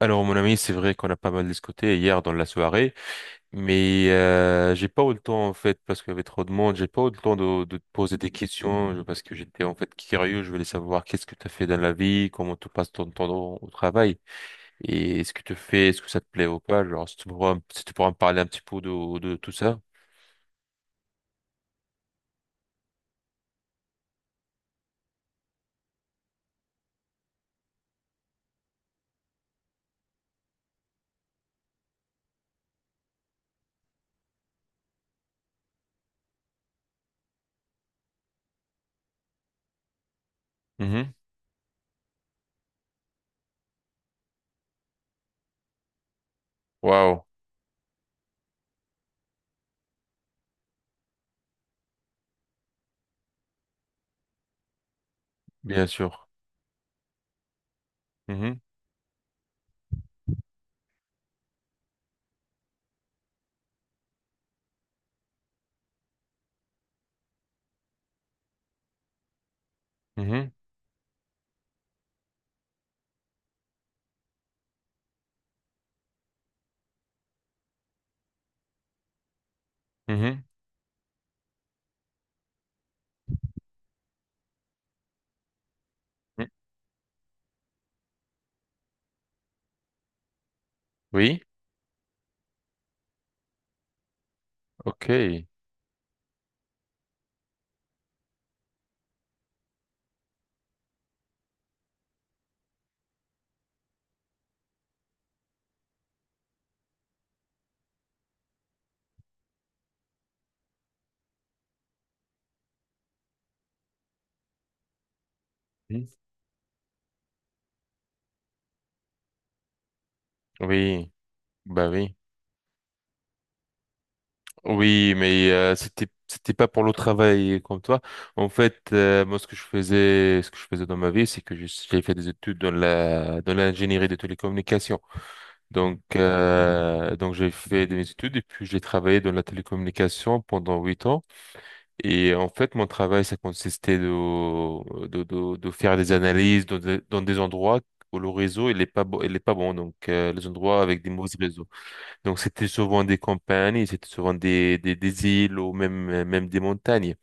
Alors mon ami, c'est vrai qu'on a pas mal discuté hier dans la soirée, mais j'ai pas eu le temps en fait parce qu'il y avait trop de monde, j'ai pas eu le temps de te poser des questions parce que j'étais en fait curieux, je voulais savoir qu'est-ce que tu as fait dans la vie, comment tu passes ton temps au travail et est-ce que tu fais, est-ce que ça te plaît ou pas, genre si tu pourras, si tu pourras me parler un petit peu de tout ça. Mhm. Waouh, bien sûr. Mhm. Mhm. Mhm. Mhm. Oui, ok. Mhm. Oui, bah oui. Oui, mais c'était c'était pas pour le travail comme toi. En fait, moi ce que je faisais ce que je faisais dans ma vie, c'est que j'ai fait des études dans la dans l'ingénierie des télécommunications. Donc j'ai fait des études et puis j'ai travaillé dans la télécommunication pendant 8 ans. Et en fait, mon travail ça consistait de faire des analyses dans des endroits où le réseau il est pas bon il est pas bon donc les endroits avec des mauvais réseaux. Donc c'était souvent des campagnes, c'était souvent des îles ou même des montagnes.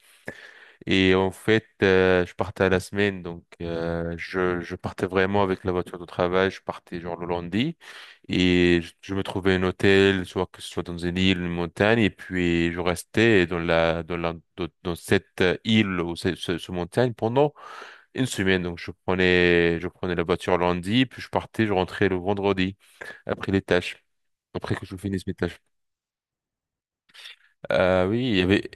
Et en fait, je partais à la semaine, donc je partais vraiment avec la voiture de travail, je partais genre le lundi et je me trouvais un hôtel, soit que ce soit dans une île, une montagne, et puis je restais dans cette île ou ce montagne pendant une semaine. Donc je prenais la voiture lundi, puis je partais, je rentrais le vendredi après les tâches, après que je finisse mes tâches. Oui,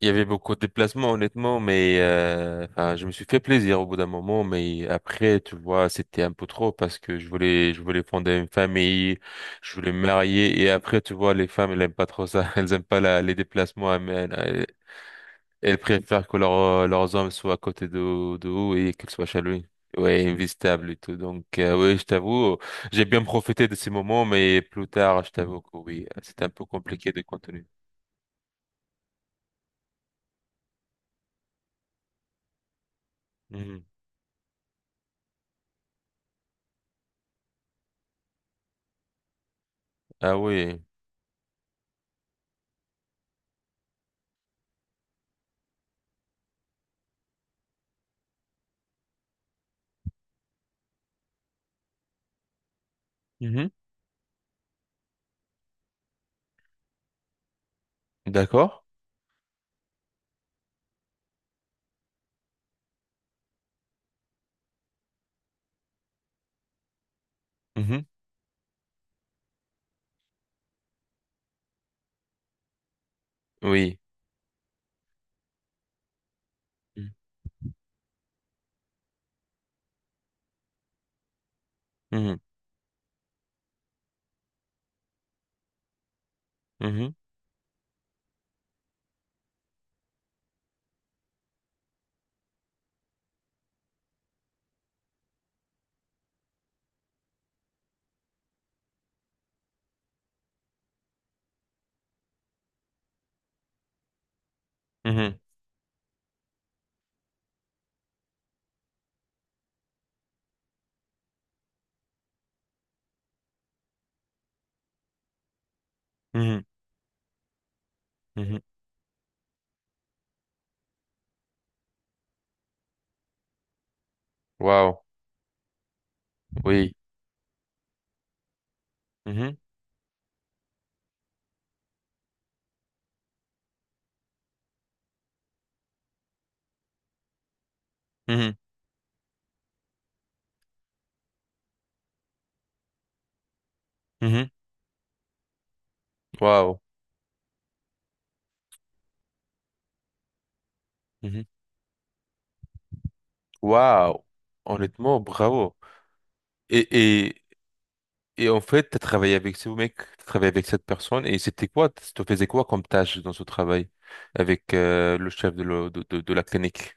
il y avait beaucoup de déplacements, honnêtement, mais enfin, je me suis fait plaisir au bout d'un moment, mais après, tu vois, c'était un peu trop parce que je voulais fonder une famille, je voulais me marier, et après, tu vois, les femmes, elles aiment pas trop ça, elles aiment pas les déplacements, elles, elles préfèrent que leurs hommes soient à côté de eux et qu'ils soient chez lui. Ouais, investable et tout. Donc, oui, je t'avoue, j'ai bien profité de ces moments, mais plus tard, je t'avoue que oui, c'était un peu compliqué de continuer. Mhm. Ah oui. Mhm. D'accord. Mhm. Oui. Mhm. Mhm. Mhm. Mhm. Mhm. Waouh. Oui. Mhm. Mhm. Mhm. Waouh. Mhm. Waouh. Honnêtement, bravo. Et, et, et en fait, tu as travaillé avec ce mec, tu travaillé avec cette personne, et c'était quoi? Tu te faisais quoi comme tâche dans ce travail avec le chef de, le- de la clinique?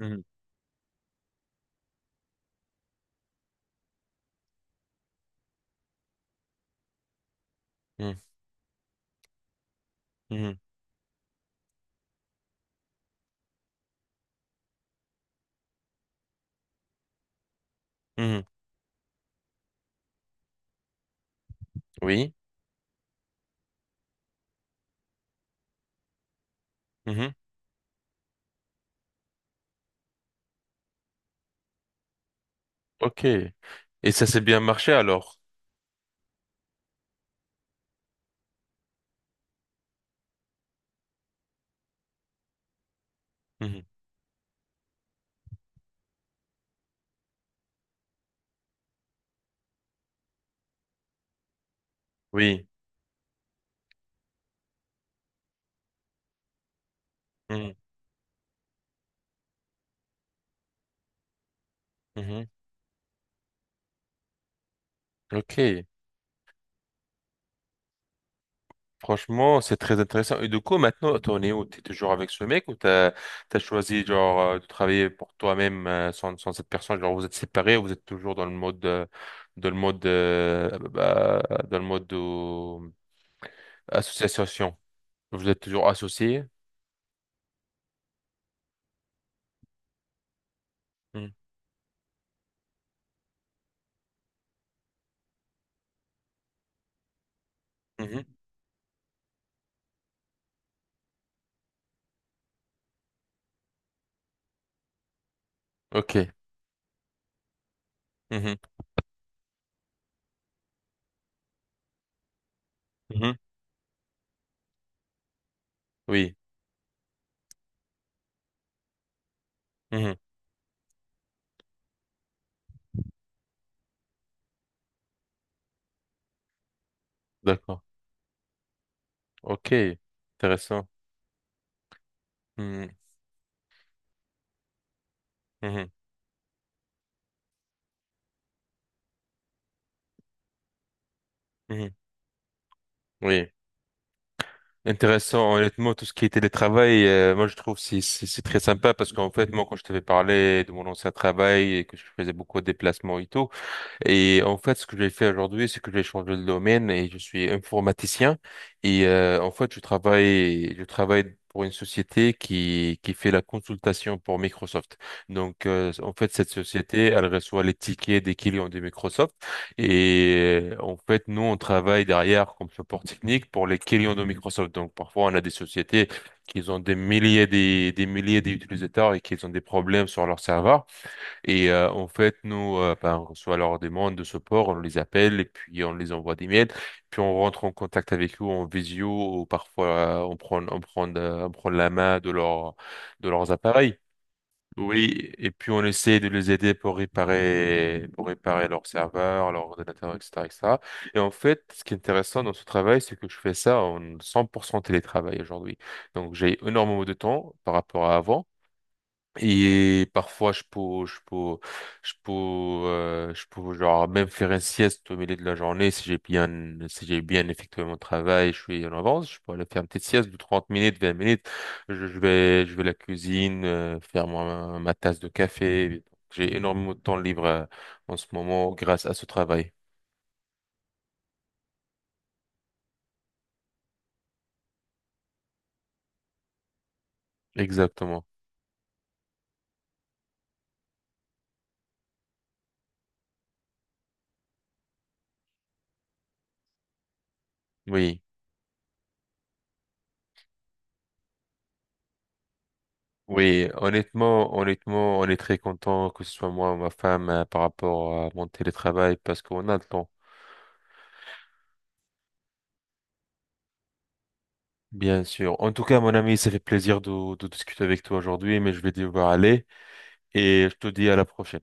Mhm. Mhm. Mhm. Mhm. Oui. Mhm. Ok. Et ça s'est bien marché alors? Mhm. Oui. Mhm. Ok, franchement, c'est très intéressant. Et du coup, maintenant, t'en es où? T'es toujours avec ce mec ou t'as choisi genre de travailler pour toi-même sans cette personne? Genre, vous êtes séparés ou vous êtes toujours dans le mode ah, bah, bah, dans le mode association? Vous êtes toujours associés? Mhm. Mhm. Ok. Mhm. Mhm. Oui. Mhm. D'accord. Ok, intéressant. Mhm. Mhm. Mhm. Oui. Intéressant, honnêtement, tout ce qui est télétravail, moi je trouve c'est c'est très sympa parce qu'en fait, moi quand je t'avais parlé de mon ancien travail et que je faisais beaucoup de déplacements et tout, et en fait, ce que j'ai fait aujourd'hui, c'est que j'ai changé de domaine et je suis informaticien. Et en fait, je travaille pour une société qui fait la consultation pour Microsoft. Donc, en fait, cette société, elle reçoit les tickets des clients de Microsoft. Et en fait, nous, on travaille derrière comme support technique pour les clients de Microsoft. Donc, parfois, on a des sociétés qui ont des milliers des milliers d'utilisateurs et qui ont des problèmes sur leur serveur. Et en fait, nous, ben, on reçoit leurs demandes de support, on les appelle et puis on les envoie des mails. Puis on rentre en contact avec eux en visio ou parfois on prend la main de de leurs appareils. Oui, et puis on essaie de les aider pour réparer leur serveur, leur ordinateur, etc., etc. Et cetera. Et en fait, ce qui est intéressant dans ce travail, c'est que je fais ça en 100% télétravail aujourd'hui. Donc j'ai énormément de temps par rapport à avant. Et parfois, je peux, je peux, genre, même faire une sieste au milieu de la journée si j'ai bien, si j'ai bien effectué mon travail, je suis en avance, je peux aller faire une petite sieste de 30 minutes, 20 minutes. Je vais à la cuisine, faire ma tasse de café. J'ai énormément de temps libre, en ce moment grâce à ce travail. Exactement. Oui. Oui, honnêtement, on est très content que ce soit moi ou ma femme par rapport à mon télétravail parce qu'on a le temps. Bien sûr. En tout cas, mon ami, ça fait plaisir de discuter avec toi aujourd'hui, mais je vais devoir aller et je te dis à la prochaine.